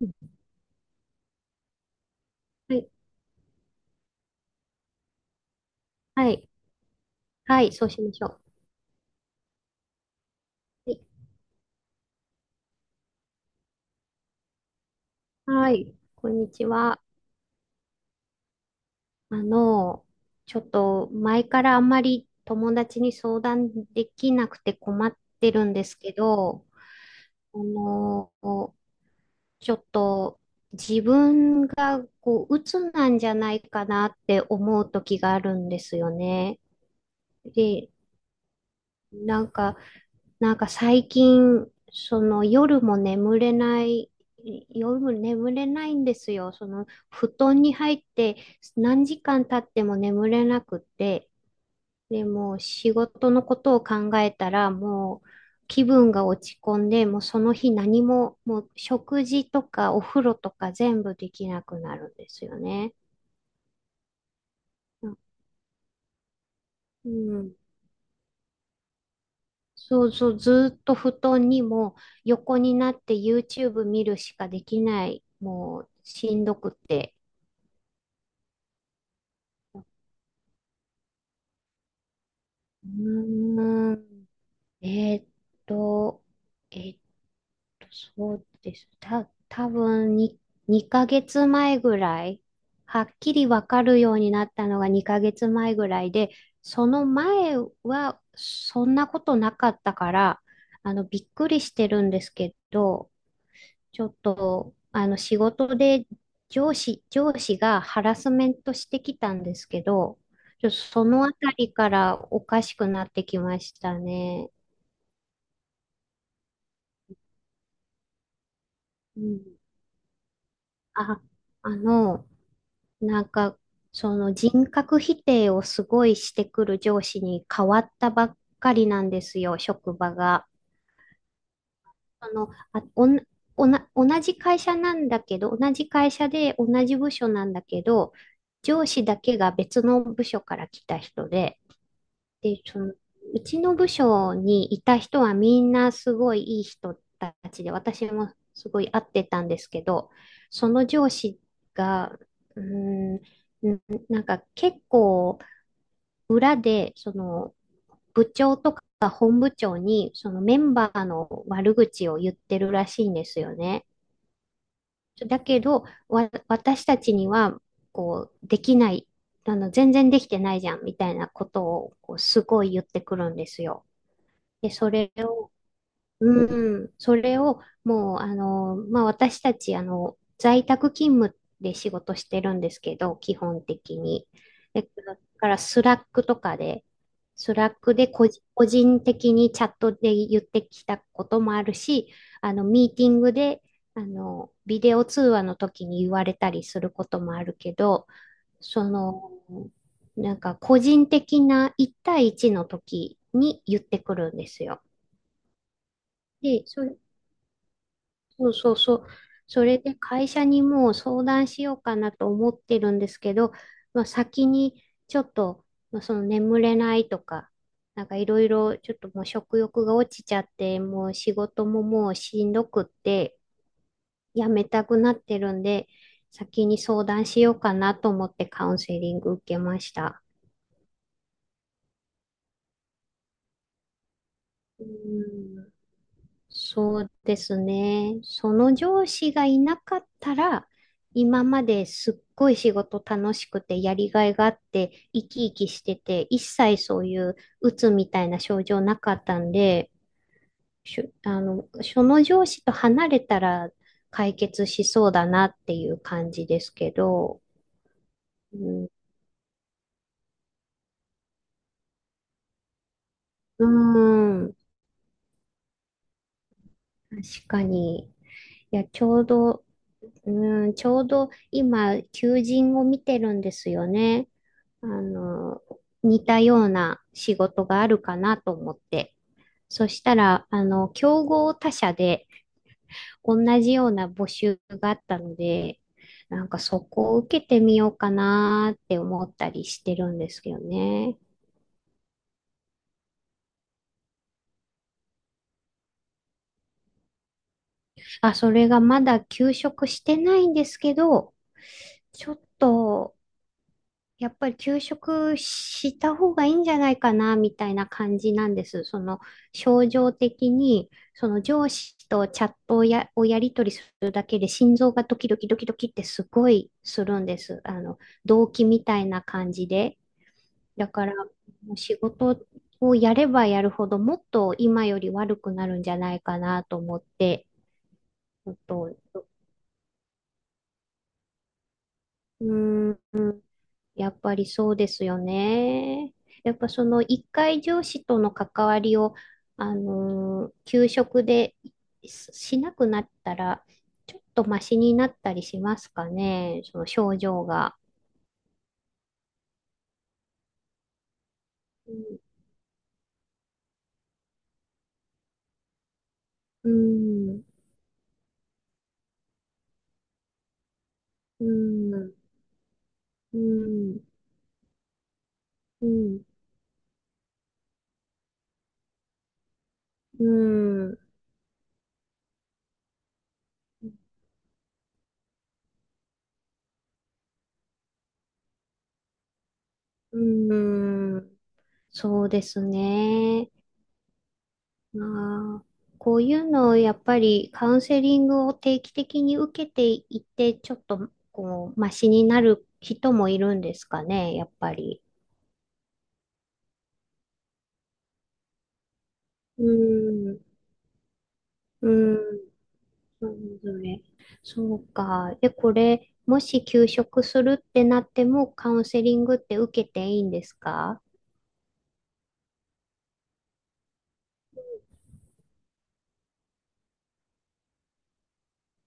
うんはい、はい、はい、そうしましょう。はい、はい、こんにちは。あの、ちょっと前からあんまり友達に相談できなくて困ってるんですけど、あの、ちょっと自分がこう、鬱なんじゃないかなって思う時があるんですよね。で、なんかなんか最近、その夜も眠れない、夜も眠れないんですよ。その布団に入って何時間経っても眠れなくて、でもう仕事のことを考えたらもう気分が落ち込んで、もうその日何も、もう食事とかお風呂とか全部できなくなるんですよね。うん。そうそう、ずーっと布団にも横になって YouTube 見るしかできない。もうしんどくて。うーん。えーっと、えーっと、そうです。多分に2ヶ月前ぐらい、はっきりわかるようになったのが2ヶ月前ぐらいで、その前はそんなことなかったから、びっくりしてるんですけど、ちょっと、あの、仕事で上司がハラスメントしてきたんですけど、ちょっとそのあたりからおかしくなってきましたね。うん。あ、あの、なんか、その人格否定をすごいしてくる上司に変わったばっかりなんですよ、職場が。あの、あ、おん、おな、同じ会社なんだけど、同じ会社で同じ部署なんだけど、上司だけが別の部署から来た人で、で、その、うちの部署にいた人はみんなすごいいい人たちで、私もすごい合ってたんですけど、その上司が、うーん、んなんか結構裏で、その、部長とか本部長にそのメンバーの悪口を言ってるらしいんですよね。だけど、私たちにはこうできない、あの全然できてないじゃんみたいなことをこうすごい言ってくるんですよ。で、それをもう私たちあの在宅勤務で仕事してるんですけど、基本的に。でだからスラックとかで、スラックで個人的にチャットで言ってきたこともあるし、あのミーティングであのビデオ通話の時に言われたりすることもあるけど、その、なんか個人的な1対1の時に言ってくるんですよ。で、そそうそうそう。それで会社にもう相談しようかなと思ってるんですけど、まあ、先にちょっと、まあ、その眠れないとか、なんかいろいろちょっともう食欲が落ちちゃって、もう仕事ももうしんどくってやめたくなってるんで、先に相談しようかなと思ってカウンセリング受けました。うん、そうですね。その上司がいなかったら、今まですっごい仕事楽しくてやりがいがあって、生き生きしてて、一切そういう鬱みたいな症状なかったんで、しゅあの、その上司と離れたら解決しそうだなっていう感じですけど、うん、うーん、確かに。いや、ちょうど、うん、ちょうど今、求人を見てるんですよね。あの、似たような仕事があるかなと思って。そしたら、競合他社で同じような募集があったので、なんかそこを受けてみようかなって思ったりしてるんですよね。あ、それがまだ休職してないんですけど、ちょっとやっぱり休職した方がいいんじゃないかな、みたいな感じなんです。その、症状的に、その上司とチャットをや、をやり取りするだけで心臓がドキドキドキドキってすごいするんです。あの、動悸みたいな感じで。だから、もう仕事をやればやるほど、もっと今より悪くなるんじゃないかなと思って、ちょっと、うーん。やっぱりそうですよね。やっぱその一回上司との関わりを、給食でしなくなったら、ちょっとマシになったりしますかね、その症状が。うん、うん、うん、うん、うん、うん、うんそうですね。ああ、こういうのをやっぱりカウンセリングを定期的に受けていって、ちょっとこう、マシになる人もいるんですかね、やっぱり。うーん、うーん、それぞれ。そうか。で、これ、もし休職するってなっても、カウンセリングって受けていいんですか？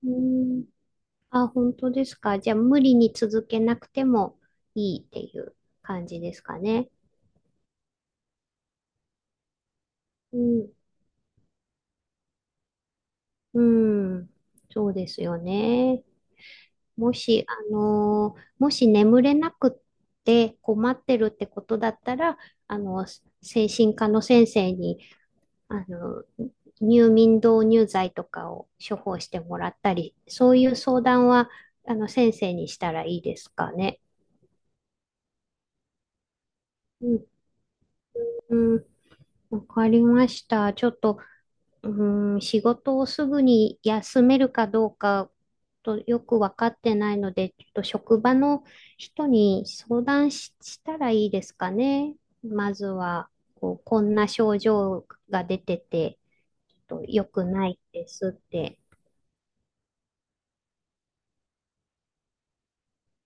うーん、あ、本当ですか。じゃあ、無理に続けなくてもいいっていう感じですかね。うんうん、そうですよね。もし、もし眠れなくって困ってるってことだったら、あの、精神科の先生に、あの、入眠導入剤とかを処方してもらったり、そういう相談は、あの、先生にしたらいいですかね。うん、うん、わかりました。ちょっと、うーん、仕事をすぐに休めるかどうかとよく分かってないので、ちょっと職場の人に相談し、したらいいですかね。まずは、こう、こんな症状が出てて、ちょっと良くないですって。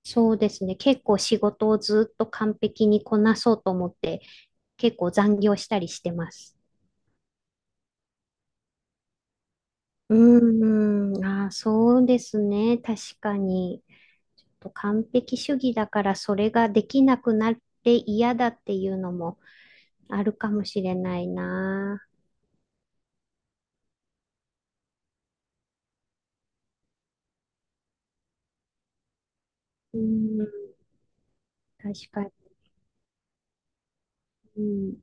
そうですね。結構仕事をずっと完璧にこなそうと思って、結構残業したりしてます。うそうですね。確かに。ちょっと完璧主義だからそれができなくなって嫌だっていうのもあるかもしれないな。うん、確かうん。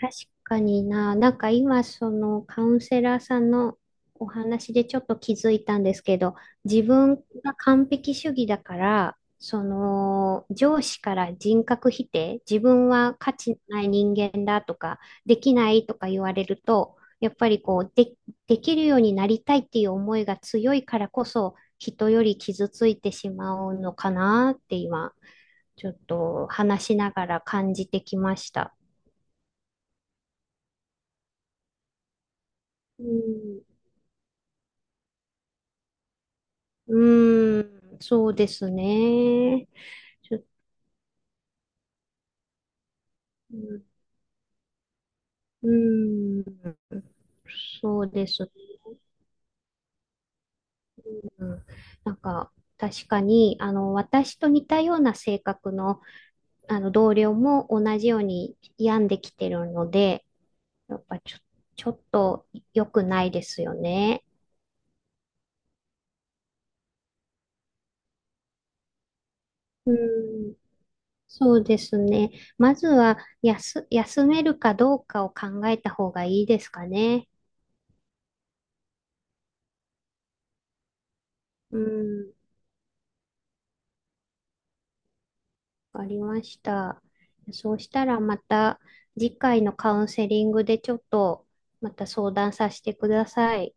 確かにな、なんか今そのカウンセラーさんのお話でちょっと気づいたんですけど、自分が完璧主義だから、その上司から人格否定、自分は価値のない人間だとか、できないとか言われると、やっぱりこうで、できるようになりたいっていう思いが強いからこそ、人より傷ついてしまうのかなって今、ちょっと話しながら感じてきました。うん、うそうですね。ちょ、うん、うんそうですね。うん、なんか、確かに、あの、私と似たような性格の、あの、同僚も同じように病んできてるので、やっぱちょ、ちょっと良くないですよね。うん、そうですね。まずは、休めるかどうかを考えた方がいいですかね。うんわかりました。そうしたらまた次回のカウンセリングでちょっとまた相談させてください。